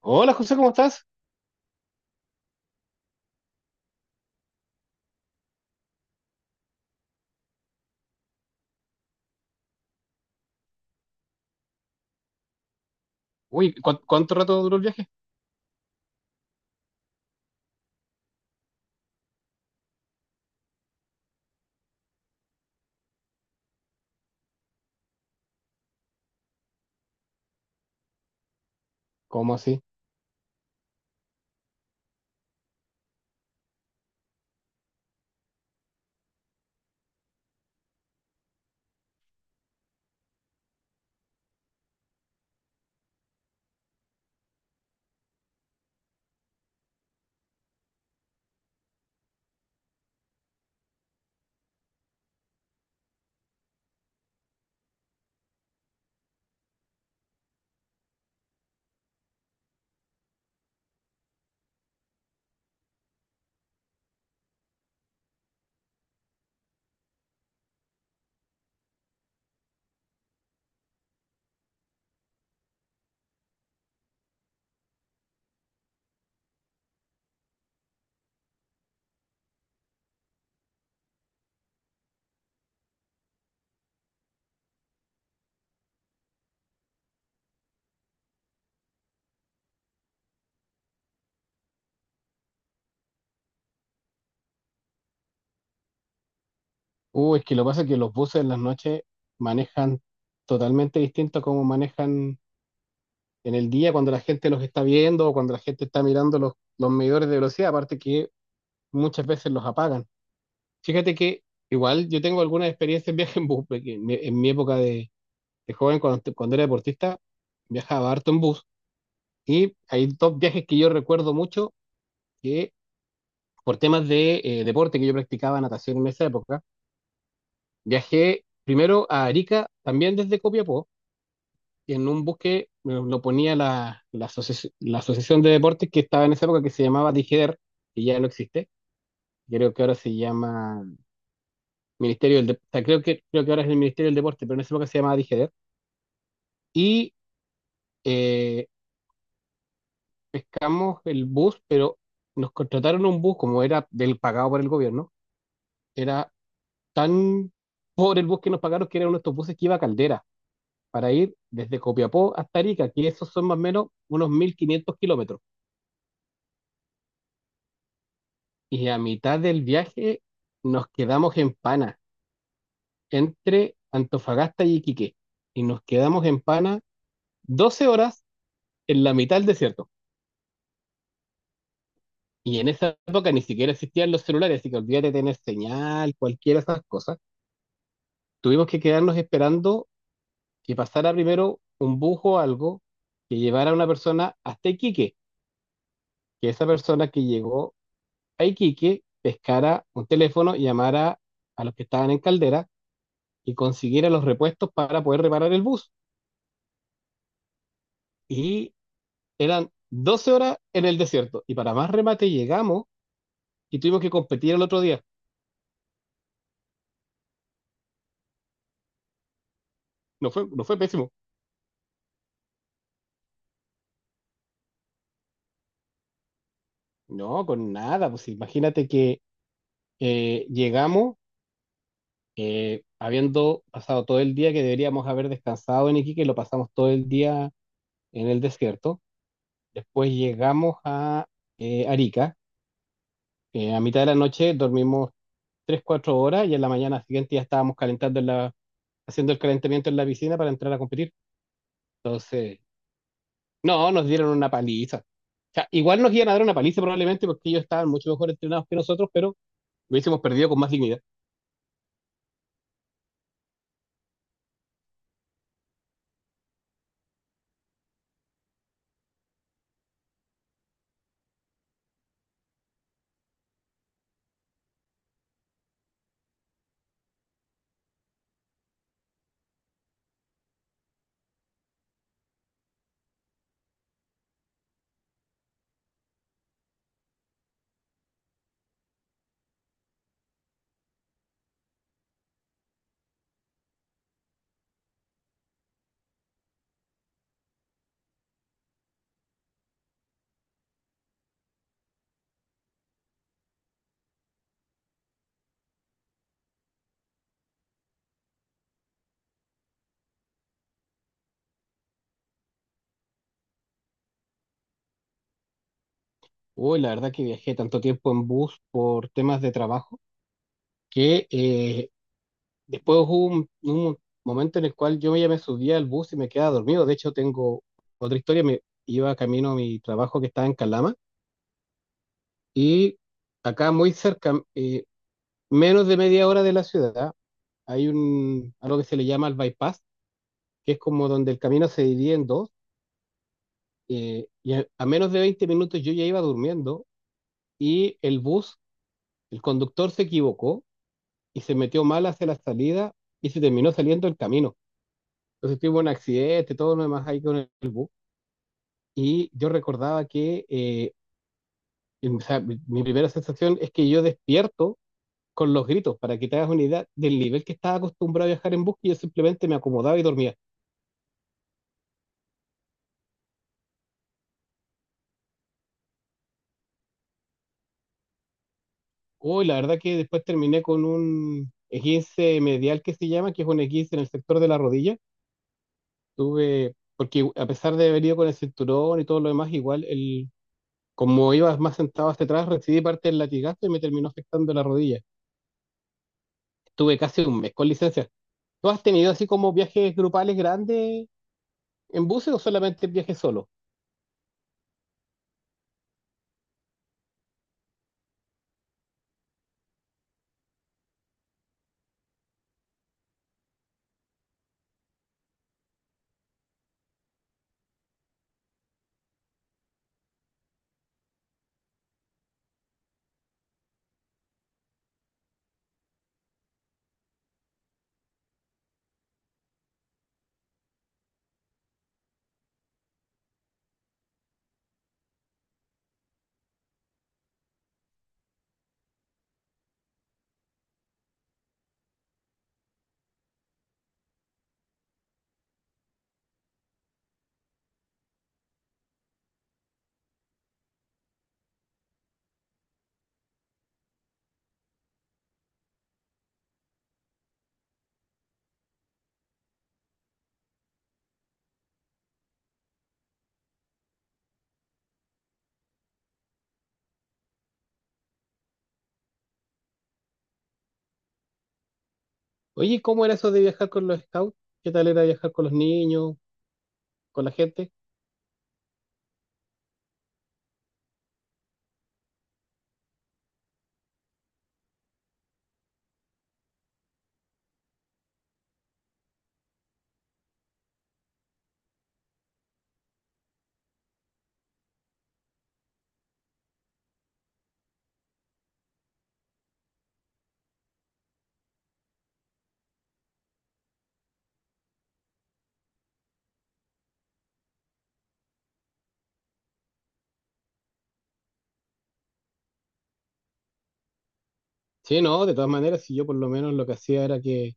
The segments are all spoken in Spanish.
Hola José, ¿cómo estás? Uy, ¿cuánto rato duró el viaje? ¿Cómo así? Uy, es que lo que pasa es que los buses en las noches manejan totalmente distinto a cómo manejan en el día cuando la gente los está viendo o cuando la gente está mirando los medidores de velocidad, aparte que muchas veces los apagan. Fíjate que igual yo tengo algunas experiencias en viaje en bus, porque en mi época de joven, cuando era deportista, viajaba harto en bus y hay dos viajes que yo recuerdo mucho que por temas de deporte, que yo practicaba natación en esa época. Viajé primero a Arica, también desde Copiapó, y en un buque me lo ponía la asociación de deportes que estaba en esa época, que se llamaba DIGEDER, que ya no existe. Creo que ahora se llama o sea, creo que ahora es el Ministerio del Deporte, pero en esa época se llamaba DIGEDER. Y eh, pescamos el bus, pero nos contrataron un bus, como era del pagado por el gobierno, era tan pobre el bus que nos pagaron, que era uno de estos buses que iba a Caldera, para ir desde Copiapó hasta Arica, que esos son más o menos unos 1500 kilómetros. Y a mitad del viaje nos quedamos en Pana, entre Antofagasta y Iquique. Y nos quedamos en Pana 12 horas en la mitad del desierto. Y en esa época ni siquiera existían los celulares, así que olvídate de tener señal, cualquiera de esas cosas. Tuvimos que quedarnos esperando que pasara primero un bus o algo que llevara a una persona hasta Iquique, que esa persona que llegó a Iquique pescara un teléfono y llamara a los que estaban en Caldera y consiguiera los repuestos para poder reparar el bus. Y eran 12 horas en el desierto. Y para más remate llegamos y tuvimos que competir el otro día. No fue pésimo. No, con nada. Pues imagínate que llegamos, habiendo pasado todo el día que deberíamos haber descansado en Iquique, lo pasamos todo el día en el desierto. Después llegamos a Arica. A mitad de la noche dormimos 3 4 horas y en la mañana siguiente ya estábamos calentando en haciendo el calentamiento en la piscina para entrar a competir. Entonces, no, nos dieron una paliza. O sea, igual nos iban a dar una paliza probablemente porque ellos estaban mucho mejor entrenados que nosotros, pero lo hubiésemos perdido con más dignidad. Uy, la verdad que viajé tanto tiempo en bus por temas de trabajo que después hubo un momento en el cual yo ya me subía al bus y me quedaba dormido. De hecho, tengo otra historia. Me iba camino a mi trabajo, que estaba en Calama, y acá muy cerca, menos de media hora de la ciudad, hay algo que se le llama el bypass, que es como donde el camino se divide en dos. Y a menos de 20 minutos yo ya iba durmiendo y el conductor se equivocó y se metió mal hacia la salida y se terminó saliendo el camino. Entonces tuvo un accidente, todo lo demás ahí con el bus. Y yo recordaba que, o sea, mi primera sensación es que yo despierto con los gritos, para que te hagas una idea del nivel que estaba acostumbrado a viajar en bus, y yo simplemente me acomodaba y dormía. Uy, la verdad que después terminé con un esguince medial que se llama, que es un esguince en el sector de la rodilla. Tuve, porque a pesar de haber ido con el cinturón y todo lo demás, igual el, como iba más sentado hacia atrás, recibí parte del latigazo y me terminó afectando la rodilla. Tuve casi un mes con licencia. ¿Tú has tenido así como viajes grupales grandes en buses o solamente viajes solo? Oye, ¿cómo era eso de viajar con los scouts? ¿Qué tal era viajar con los niños, con la gente? Sí, no, de todas maneras, si yo por lo menos lo que hacía era que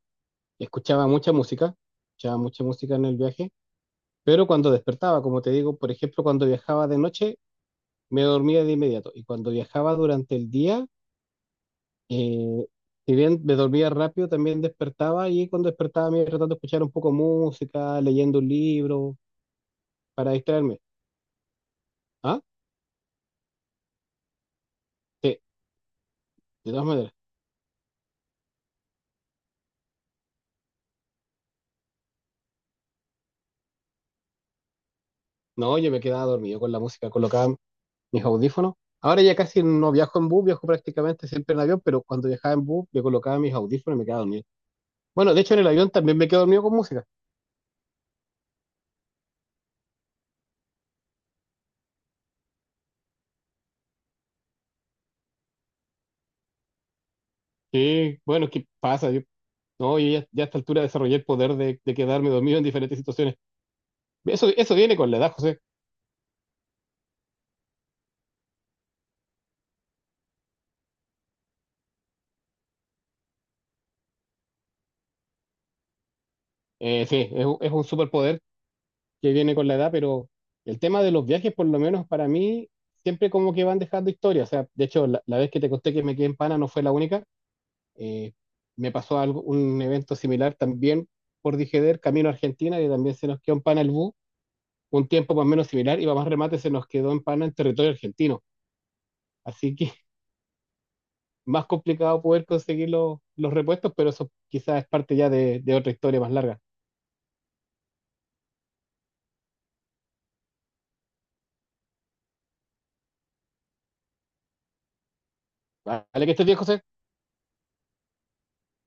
y escuchaba mucha música en el viaje, pero cuando despertaba, como te digo, por ejemplo, cuando viajaba de noche, me dormía de inmediato, y cuando viajaba durante el día, eh, si bien me dormía rápido, también despertaba, y cuando despertaba me iba tratando de escuchar un poco música, leyendo un libro, para distraerme. Ah, sí, de todas maneras. No, yo me quedaba dormido con la música, colocaba mis audífonos. Ahora ya casi no viajo en bus, viajo prácticamente siempre en avión, pero cuando viajaba en bus, me colocaba mis audífonos y me quedaba dormido. Bueno, de hecho en el avión también me quedo dormido con música. Sí, bueno, ¿qué pasa? Yo, no, ya a esta altura desarrollé el poder de quedarme dormido en diferentes situaciones. Eso viene con la edad, José. Sí, es un superpoder que viene con la edad, pero el tema de los viajes, por lo menos para mí, siempre como que van dejando historia. O sea, de hecho, la vez que te conté que me quedé en Pana no fue la única. Eh, me pasó algo, un evento similar también por Dijeder, camino a Argentina, y también se nos quedó en Pana el bus. Un tiempo más o menos similar, y para más remate se nos quedó en Pana en territorio argentino. Así que más complicado poder conseguir los repuestos, pero eso quizás es parte ya de otra historia más larga. Vale, que estés bien, José.